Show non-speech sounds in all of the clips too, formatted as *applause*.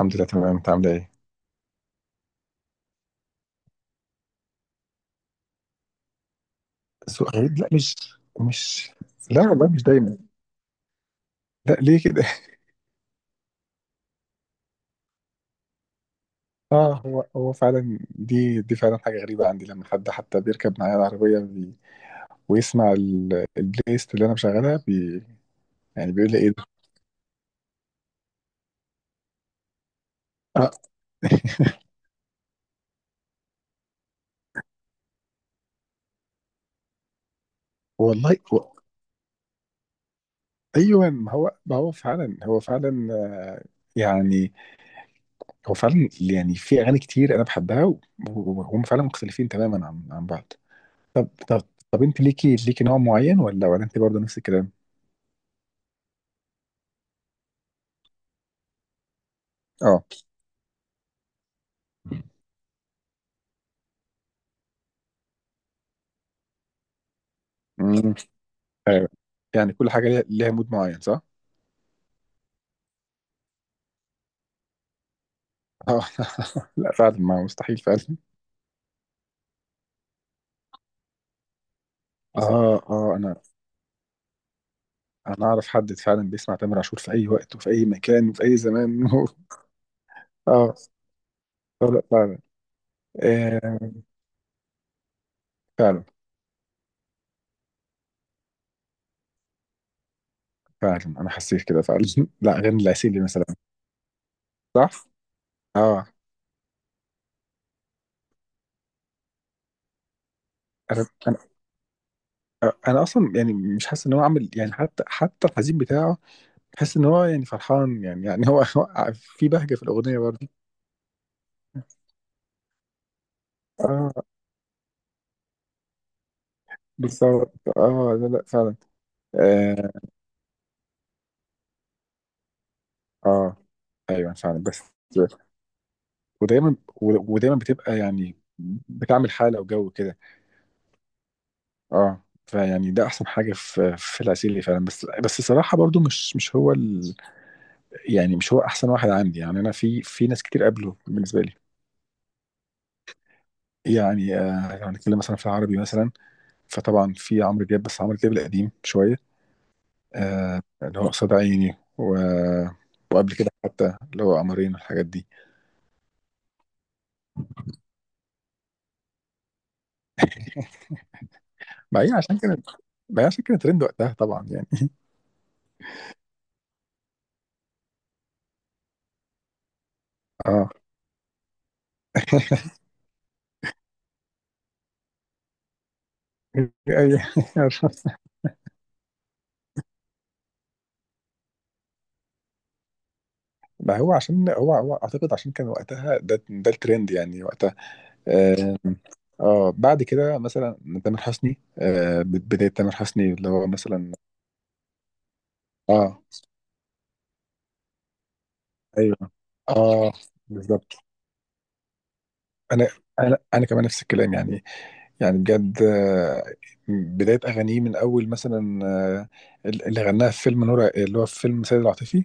الحمد لله تمام، انت عامله ايه؟ سؤال، لا مش. لا والله مش دايما. لا ليه كده؟ *laughs* اه، هو فعلا دي فعلا حاجه غريبه عندي لما حد حتى بيركب معايا العربيه بي، ويسمع البلاylist اللي انا مشغلها بي. يعني بيقول لي ايه ده؟ اه. *laughs* والله هو، ايوه، ما هو فعلا، هو فعلا، آه، يعني هو فعلا. يعني في اغاني كتير انا بحبها، وهم فعلا مختلفين تماما عن بعض. طب طب طب انت ليكي نوع معين ولا انت برضه نفس الكلام؟ اه. مم. ايوه، يعني كل حاجه ليها مود معين، صح؟ اه. *laughs* لا فعلا، ما مستحيل فعلا. اه. *laughs* اه، انا اعرف حد فعلا بيسمع تامر عاشور في اي وقت وفي اي مكان وفي اي زمان. *laughs* اه، لا فعلا. آه، فعلا فعلا انا حسيت كده فعلا. *laughs* لا، غير العسيلي مثلا، صح؟ اه، انا انا انا اصلا يعني مش حاسس ان هو عامل، يعني حتى الحزين بتاعه، حاسس ان هو يعني فرحان، يعني هو، *laughs* هو في بهجه في الاغنيه برضه. اه بالظبط، اه لا لا فعلا. اه، آه، ايوه فعلا. بس ودايما ودايما بتبقى يعني، بتعمل حاله وجو كده. اه، فيعني ده احسن حاجه في العسيلي فعلا. بس الصراحه برضو مش هو ال، يعني مش هو احسن واحد عندي. يعني انا في ناس كتير قبله بالنسبه لي. يعني آه، لو هنتكلم مثلا في العربي مثلا، فطبعا في عمرو دياب، بس عمرو دياب القديم شويه، آه، اللي هو قصاد عيني، و وقبل كده حتى اللي هو قمرين والحاجات دي. *laughs* ما هي عشان كانت ما هي عشان كانت ترند وقتها طبعا، يعني. اه. *laughs* أي- ما هو عشان هو اعتقد، عشان كان وقتها ده الترند يعني وقتها. آم، اه. بعد كده مثلا تامر حسني، بداية تامر حسني اللي هو مثلا. اه. ايوه. اه، بالظبط. انا انا كمان نفس الكلام يعني. يعني بجد، بداية اغانيه من اول مثلا، آه، اللي غناها في فيلم نور، اللي هو في فيلم سيد العاطفي.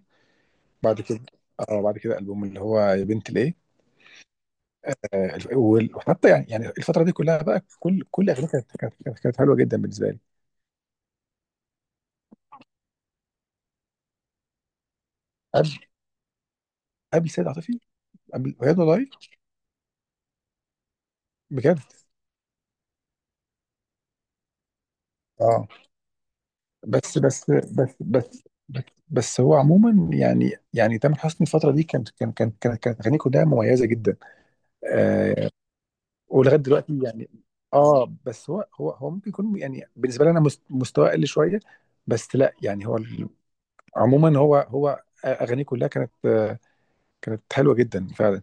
بعد كده اه، بعد كده البوم اللي هو يا بنت ليه. وحتى يعني، يعني الفتره دي كلها بقى، كل اغنيه كانت كانت حلوه جدا بالنسبه لي. قبل قبل سيد عاطفي، قبل، وهي والله. بجد. اه بس هو عموما، يعني تامر حسني الفتره دي، كانت كانت اغانيه كلها مميزه جدا. آه، ولغايه دلوقتي يعني. اه، بس هو ممكن يكون، يعني بالنسبه لي انا، مستواه اقل شويه. بس لا، يعني هو ال، عموما هو اغانيه كلها كانت حلوه جدا فعلا.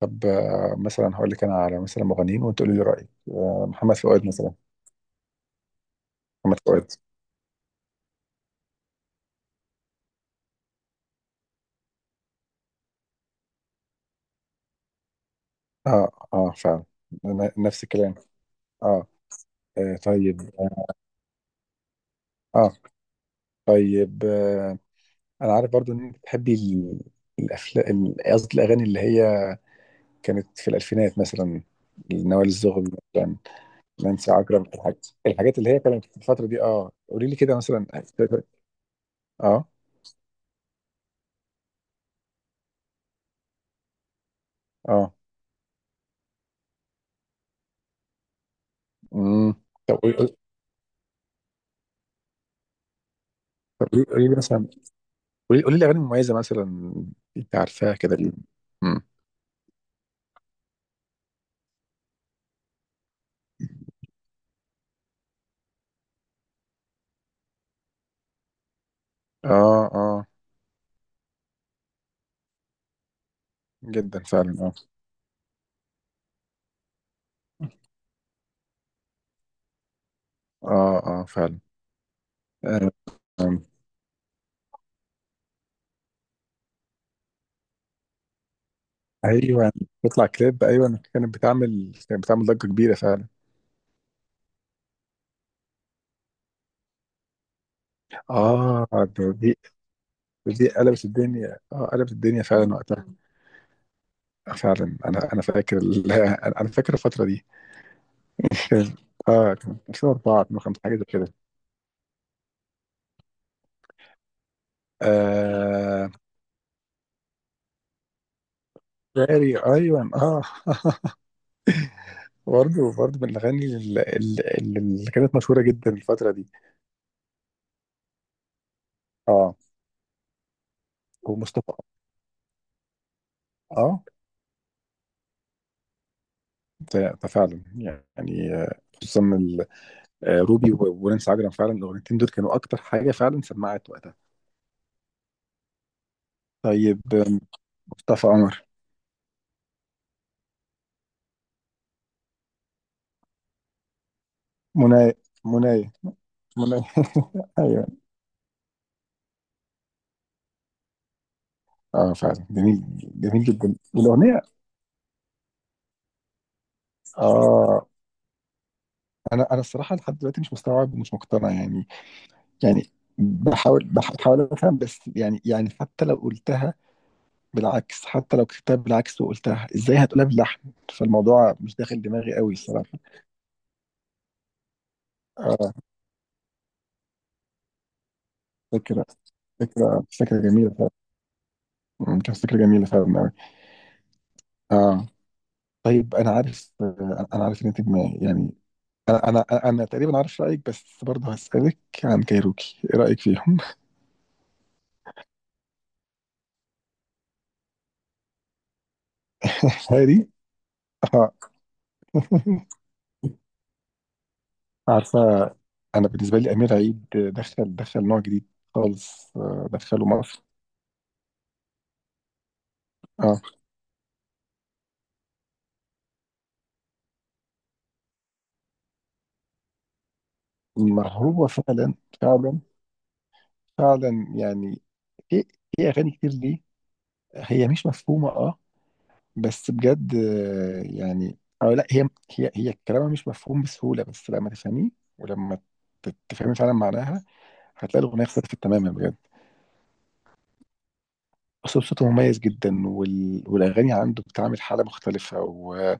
طب مثلا هقول لك انا على مثلا مغنيين وانت قولي لي رايك. محمد فؤاد مثلا. محمد فؤاد. اه، اه فعلا، نفس الكلام. اه، طيب. اه، آه، طيب. انا عارف برضو ان انت بتحبي الافلام، قصدي الاغاني اللي هي كانت في الالفينات مثلا. نوال الزغبي مثلا، نانسي عجرم، الحاجات اللي هي كانت في الفتره دي. اه قولي لي كده مثلا. اه. اه. امم. طب طب قولي لي مثلا، قولي لي أغاني مميزة مثلا، أنت عارفاها كده ليه؟ مم. آه، آه. جدا فعلا، آه. آه آه فعلا. آه. آه. أيوه. بيطلع كليب، أيوه، كانت بتعمل ضجة كبيرة فعلا. آه، ده، دي قلبت الدنيا، آه قلبت الدنيا فعلا وقتها. فعلا، أنا فاكر ال، *laughs* أنا فاكر الفترة دي. كان آه، كان 2004 2005 حاجة زي كده. آه فاري، أيوه آه. *laughs* برضه من الأغاني اللي كانت مشهورة جدا الفترة دي. اه. ومصطفى، اه، ده فعلا يعني، خصوصا ال. روبي ونانسي عجرم فعلا، الأغنيتين دول كانوا أكتر حاجة فعلا سمعت وقتها. طيب مصطفى قمر. منايا منايا منايا. *laughs* ايوه. اه فعلا جميل، جميل جدا الأغنية. اه، انا الصراحة لحد دلوقتي مش مستوعب ومش مقتنع يعني. يعني بحاول، بحاول افهم بس، يعني حتى لو قلتها بالعكس، حتى لو كتبتها بالعكس وقلتها ازاي هتقولها باللحن، فالموضوع مش داخل دماغي قوي الصراحه. اه، فكره، فكره جميله فعلا. كانت فكره جميله فعلا قوي. اه. طيب انا عارف، انا عارف ان انت دماغي يعني، انا تقريبا عارف رايك بس برضه هسالك عن كايروكي، ايه رايك فيهم؟ *laughs* هادي. اه. *laughs* عارفه، انا بالنسبه لي امير عيد دخل نوع جديد خالص. دخله مصر. اه، ما هو فعلا. فعلا فعلا يعني. في في اغاني كتير دي هي مش مفهومه اه. بس بجد، يعني او لا، هي، هي كلامها مش مفهوم بسهوله، بس لما تفهميه، ولما تفهمي فعلا معناها، هتلاقي الاغنيه اختلفت تماما بجد. اصلا صوته مميز جدا، وال... والاغاني عنده بتعمل حاله مختلفه، و...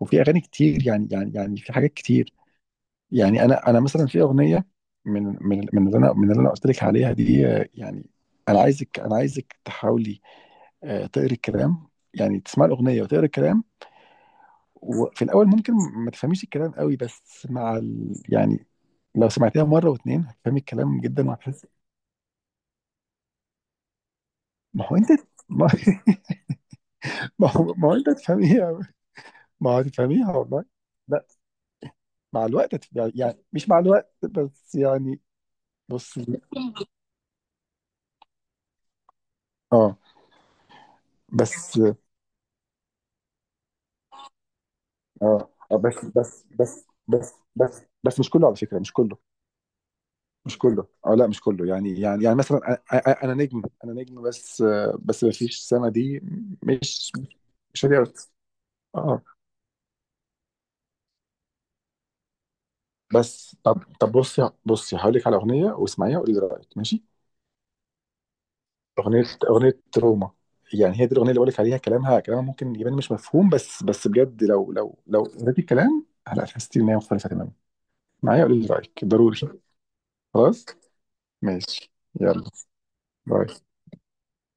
وفي اغاني كتير يعني، يعني في حاجات كتير يعني. انا مثلا في اغنيه من اللي انا، من اللي انا قلت لك عليها دي، يعني انا عايزك، انا عايزك تحاولي، تقري الكلام. يعني تسمع الاغنيه وتقرا الكلام. وفي الاول ممكن ما تفهميش الكلام قوي، بس مع ال، يعني لو سمعتيها مره واتنين هتفهمي الكلام جدا وهتحسي. ما هو انت ما، *laughs* ما هو، ما هو انت هتفهميها. ما هو هتفهميها والله. لا مع الوقت يعني مش مع الوقت بس، يعني بص. اه بس. اه، بس مش كله على فكره، مش كله، مش كله. اه لا مش كله يعني، يعني مثلا، انا نجم، انا نجم بس، بس ما فيش السنه دي مش مش هتقدر. اه بس طب بصي هقول لك على اغنيه واسمعيها وقولي لي رايك، ماشي؟ اغنيه اغنيه روما. يعني هي دي الاغنيه اللي بقول لك عليها، كلامها ممكن يبان مش مفهوم، بس بجد لو لو قريتي الكلام هلا هتحسي ان هي مختلفه تماما. معايا؟ قولي لي رايك ضروري. خلاص، ماشي. يلا، باي.